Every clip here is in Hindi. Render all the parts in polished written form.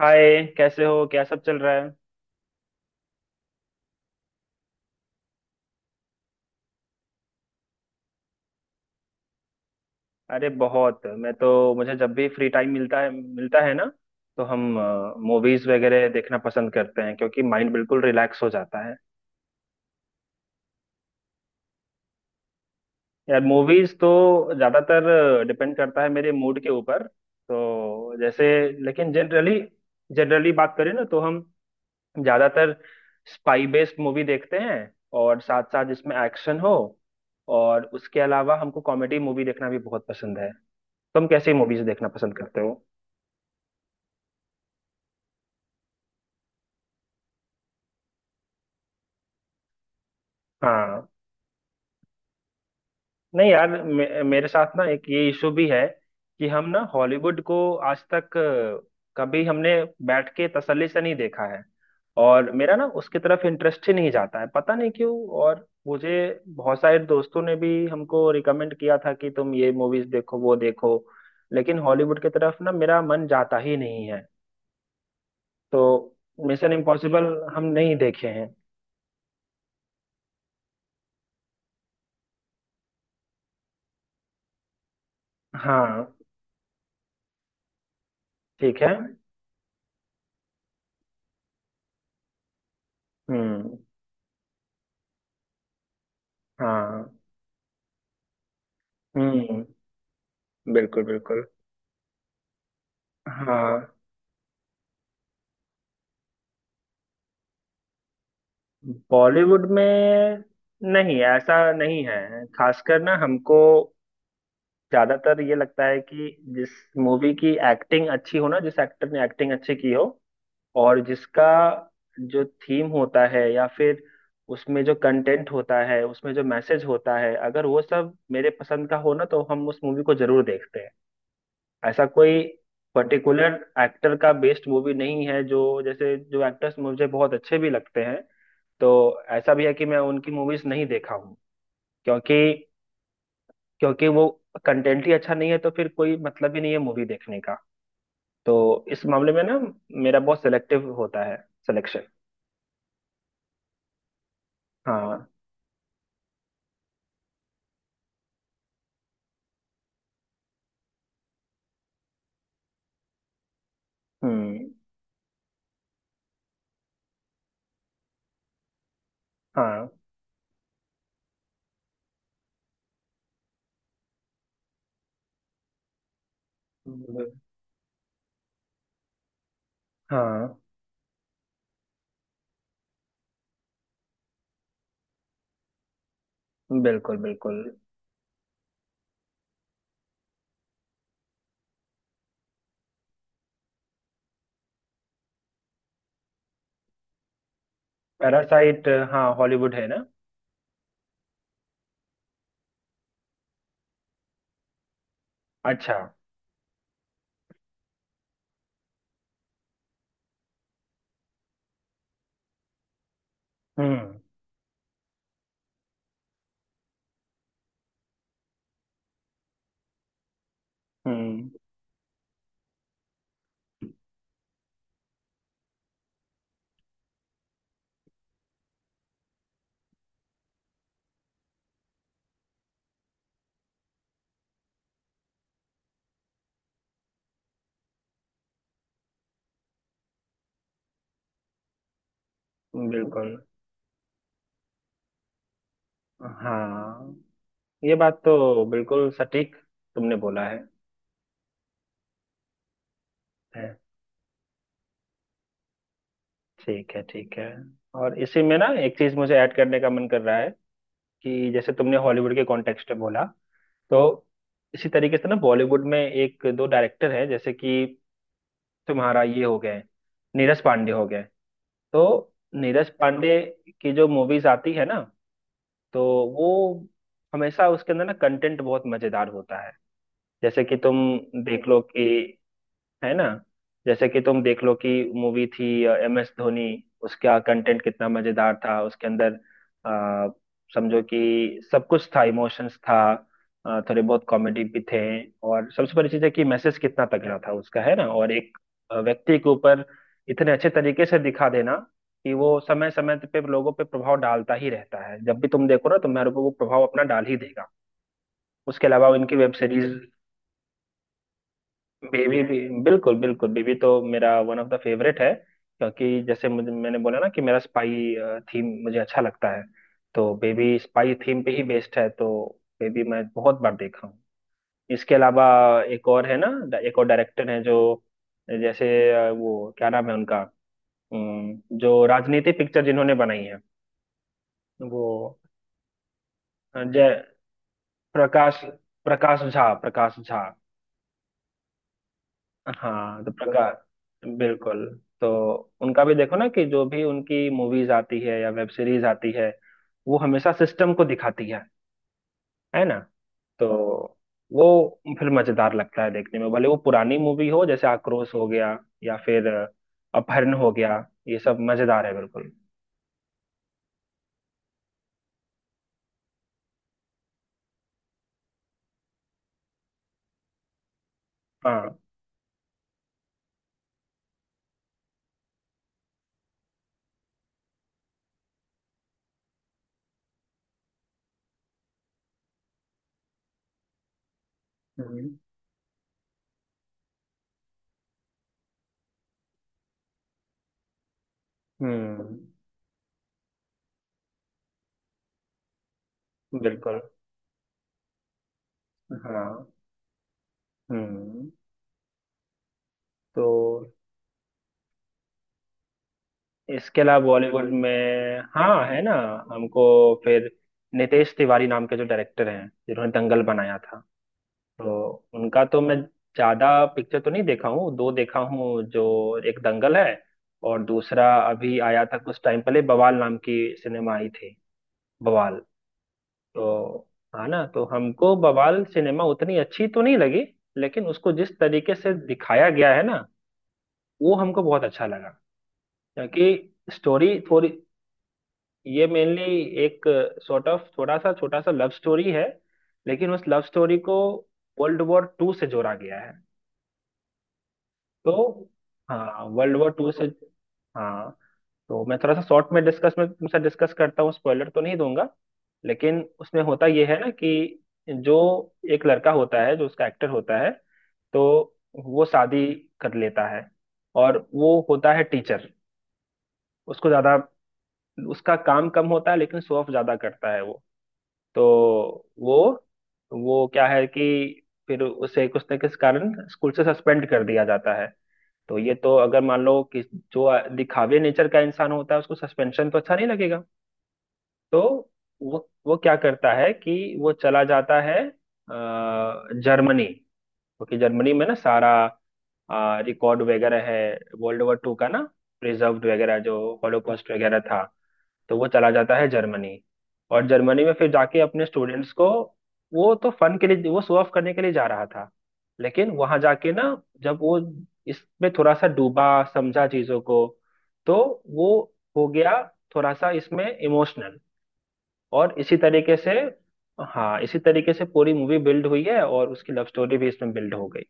हाय, कैसे हो? क्या सब चल रहा है? अरे बहुत! मैं तो मुझे जब भी फ्री टाइम मिलता है ना, तो हम मूवीज वगैरह देखना पसंद करते हैं क्योंकि माइंड बिल्कुल रिलैक्स हो जाता है। यार मूवीज तो ज्यादातर डिपेंड करता है मेरे मूड के ऊपर। तो जैसे, लेकिन जनरली जनरली बात करें ना, तो हम ज्यादातर स्पाई बेस्ड मूवी देखते हैं और साथ साथ जिसमें एक्शन हो। और उसके अलावा हमको कॉमेडी मूवी देखना भी बहुत पसंद है। तुम कैसी मूवीज देखना पसंद करते हो? हाँ। नहीं यार, मेरे साथ ना एक ये इशू भी है कि हम ना हॉलीवुड को आज तक कभी हमने बैठ के तसल्ली से नहीं देखा है। और मेरा ना उसकी तरफ इंटरेस्ट ही नहीं जाता है, पता नहीं क्यों। और मुझे बहुत सारे दोस्तों ने भी हमको रिकमेंड किया था कि तुम ये मूवीज देखो वो देखो, लेकिन हॉलीवुड की तरफ ना मेरा मन जाता ही नहीं है। तो मिशन इम्पॉसिबल हम नहीं देखे हैं। हाँ, ठीक है। हम्म। हाँ। हम्म। बिल्कुल बिल्कुल। हाँ, बॉलीवुड में नहीं ऐसा नहीं है। खासकर ना हमको ज्यादातर ये लगता है कि जिस मूवी की एक्टिंग अच्छी हो ना, जिस एक्टर ने एक्टिंग अच्छी की हो, और जिसका जो थीम होता है या फिर उसमें जो कंटेंट होता है, उसमें जो मैसेज होता है, अगर वो सब मेरे पसंद का हो ना तो हम उस मूवी को जरूर देखते हैं। ऐसा कोई पर्टिकुलर एक्टर का बेस्ड मूवी नहीं है। जो जैसे जो एक्टर्स मुझे बहुत अच्छे भी लगते हैं, तो ऐसा भी है कि मैं उनकी मूवीज नहीं देखा हूँ, क्योंकि क्योंकि वो कंटेंट ही अच्छा नहीं है तो फिर कोई मतलब ही नहीं है मूवी देखने का। तो इस मामले में ना मेरा बहुत सिलेक्टिव होता है सिलेक्शन। हाँ। हम्म। हाँ। ब- हाँ, बिल्कुल बिल्कुल। पैरासाइट? हाँ हॉलीवुड है ना। अच्छा। हम्म। हम्म। बिल्कुल। हाँ, ये बात तो बिल्कुल सटीक तुमने बोला है है। ठीक है, ठीक है। और इसी में ना एक चीज मुझे ऐड करने का मन कर रहा है कि जैसे तुमने हॉलीवुड के कॉन्टेक्स्ट में बोला, तो इसी तरीके से ना बॉलीवुड में एक दो डायरेक्टर हैं, जैसे कि तुम्हारा ये हो गए, नीरज पांडे हो गए। तो नीरज पांडे की जो मूवीज आती है ना, तो वो हमेशा उसके अंदर ना कंटेंट बहुत मजेदार होता है। जैसे कि तुम देख लो कि, है ना, जैसे कि तुम देख लो कि मूवी थी MS धोनी। उसका कंटेंट कितना मजेदार था उसके अंदर! आ, समझो कि सब कुछ था, इमोशंस था, थोड़े बहुत कॉमेडी भी थे। और सबसे बड़ी चीज है कि मैसेज कितना तगड़ा था उसका, है ना? और एक व्यक्ति के ऊपर इतने अच्छे तरीके से दिखा देना कि वो समय समय पे लोगों पे प्रभाव डालता ही रहता है। जब भी तुम देखो ना, तुम्हारे ऊपर वो प्रभाव अपना डाल ही देगा। उसके अलावा इनकी वेब सीरीज। बेबी भी बिल्कुल बिल्कुल। बेबी तो मेरा वन ऑफ द फेवरेट है, क्योंकि जैसे मुझे मैंने बोला ना कि मेरा स्पाई थीम मुझे अच्छा लगता है। तो बेबी स्पाई थीम पे ही बेस्ड है, तो बेबी मैं बहुत बार देखा हूँ। इसके अलावा एक और है ना, एक और डायरेक्टर है जो जैसे वो क्या नाम है उनका, जो राजनीति पिक्चर जिन्होंने बनाई है, वो जय प्रकाश, प्रकाश झा, प्रकाश झा। हाँ तो प्रकाश बिल्कुल। तो उनका भी देखो ना कि जो भी उनकी मूवीज आती है या वेब सीरीज आती है, वो हमेशा सिस्टम को दिखाती है ना? तो वो फिर मजेदार लगता है देखने में, भले वो पुरानी मूवी हो। जैसे आक्रोश हो गया या फिर अपहरण हो गया, ये सब मजेदार है बिल्कुल। हाँ। हम्म। हम्म, बिल्कुल। हाँ। हम्म। तो इसके अलावा बॉलीवुड में हाँ है ना, हमको फिर नितेश तिवारी नाम के जो डायरेक्टर हैं जिन्होंने दंगल बनाया था, तो उनका तो मैं ज्यादा पिक्चर तो नहीं देखा हूँ। दो देखा हूँ, जो एक दंगल है और दूसरा अभी आया था कुछ टाइम पहले, बवाल नाम की सिनेमा आई थी। बवाल। तो हाँ ना, तो हमको बवाल सिनेमा उतनी अच्छी तो नहीं लगी, लेकिन उसको जिस तरीके से दिखाया गया है ना, वो हमको बहुत अच्छा लगा। क्योंकि स्टोरी थोड़ी, ये मेनली एक सॉर्ट ऑफ थोड़ा सा छोटा सा लव स्टोरी है। लेकिन उस लव स्टोरी को वर्ल्ड वॉर 2 से जोड़ा गया है। तो हाँ, वर्ल्ड वॉर 2 से। हाँ, तो मैं थोड़ा सा शॉर्ट में डिस्कस में तुमसे डिस्कस करता हूँ, स्पॉइलर तो नहीं दूंगा। लेकिन उसमें होता यह है ना कि जो एक लड़का होता है जो उसका एक्टर होता है, तो वो शादी कर लेता है और वो होता है टीचर। उसको ज्यादा, उसका काम कम होता है लेकिन शो ऑफ ज्यादा करता है वो। तो वो वो क्या है कि फिर उसे कुछ न किस कारण स्कूल से सस्पेंड कर दिया जाता है। तो ये तो अगर मान लो कि जो दिखावे नेचर का इंसान होता है उसको सस्पेंशन तो अच्छा नहीं लगेगा। तो वो क्या करता है कि वो चला जाता है जर्मनी, क्योंकि जर्मनी में ना सारा रिकॉर्ड वगैरह है वर्ल्ड वॉर 2 का ना, प्रिजर्व वगैरह जो हॉलोकॉस्ट वगैरह था। तो वो चला जाता है जर्मनी, और जर्मनी में फिर जाके अपने स्टूडेंट्स को, वो तो फन के लिए वो शो ऑफ करने के लिए जा रहा था, लेकिन वहां जाके ना जब वो इसमें थोड़ा सा डूबा, समझा चीजों को, तो वो हो गया थोड़ा सा इसमें इमोशनल। और इसी तरीके से, हाँ इसी तरीके से पूरी मूवी बिल्ड हुई है और उसकी लव स्टोरी भी इसमें बिल्ड हो गई।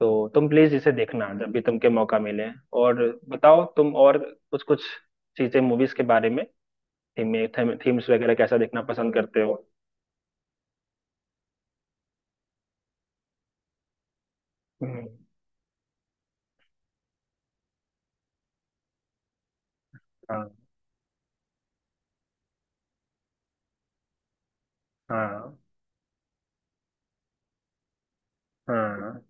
तो तुम प्लीज इसे देखना जब भी तुमके मौका मिले। और बताओ तुम और कुछ कुछ चीजें मूवीज के बारे में, थीम में थीम्स वगैरह कैसा देखना पसंद करते हो? हम्म। हाँ। हाँ। हाँ,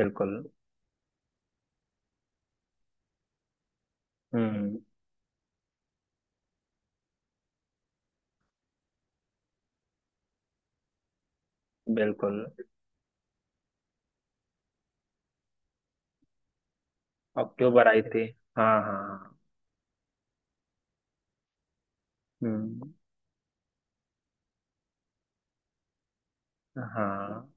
बिल्कुल। हम्म, बिल्कुल। अक्टूबर आई थी, हाँ हाँ। हम्म। हाँ।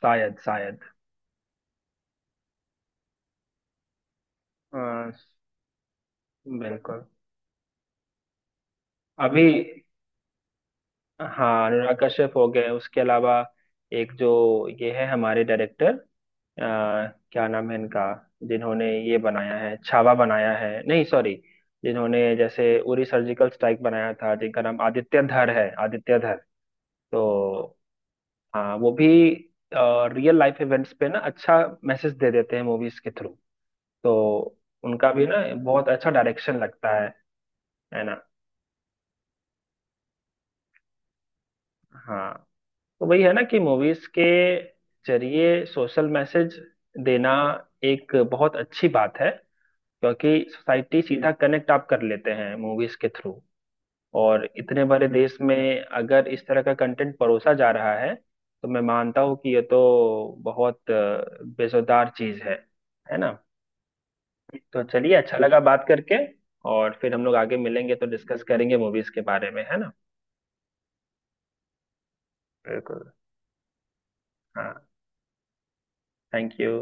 शायद शायद। हाँ, बिल्कुल। अभी हाँ, अनुराग कश्यप हो गए। उसके अलावा एक जो ये है हमारे डायरेक्टर, अ, क्या नाम है इनका, जिन्होंने ये बनाया है, छावा बनाया है, नहीं सॉरी, जिन्होंने जैसे उरी सर्जिकल स्ट्राइक बनाया था, जिनका नाम आदित्य धर है, आदित्य धर। तो हाँ वो भी रियल लाइफ इवेंट्स पे ना अच्छा मैसेज दे देते हैं मूवीज के थ्रू। तो उनका भी ना बहुत अच्छा डायरेक्शन लगता है ना? हाँ, तो वही है ना कि मूवीज के जरिए सोशल मैसेज देना एक बहुत अच्छी बात है। क्योंकि सोसाइटी सीधा कनेक्ट आप कर लेते हैं मूवीज के थ्रू, और इतने बड़े देश में अगर इस तरह का कंटेंट परोसा जा रहा है तो मैं मानता हूँ कि ये तो बहुत बेजुबान चीज है ना। तो चलिए, अच्छा लगा बात करके। और फिर हम लोग आगे मिलेंगे तो डिस्कस करेंगे मूवीज के बारे में, है ना? बिल्कुल। हाँ। Thank you.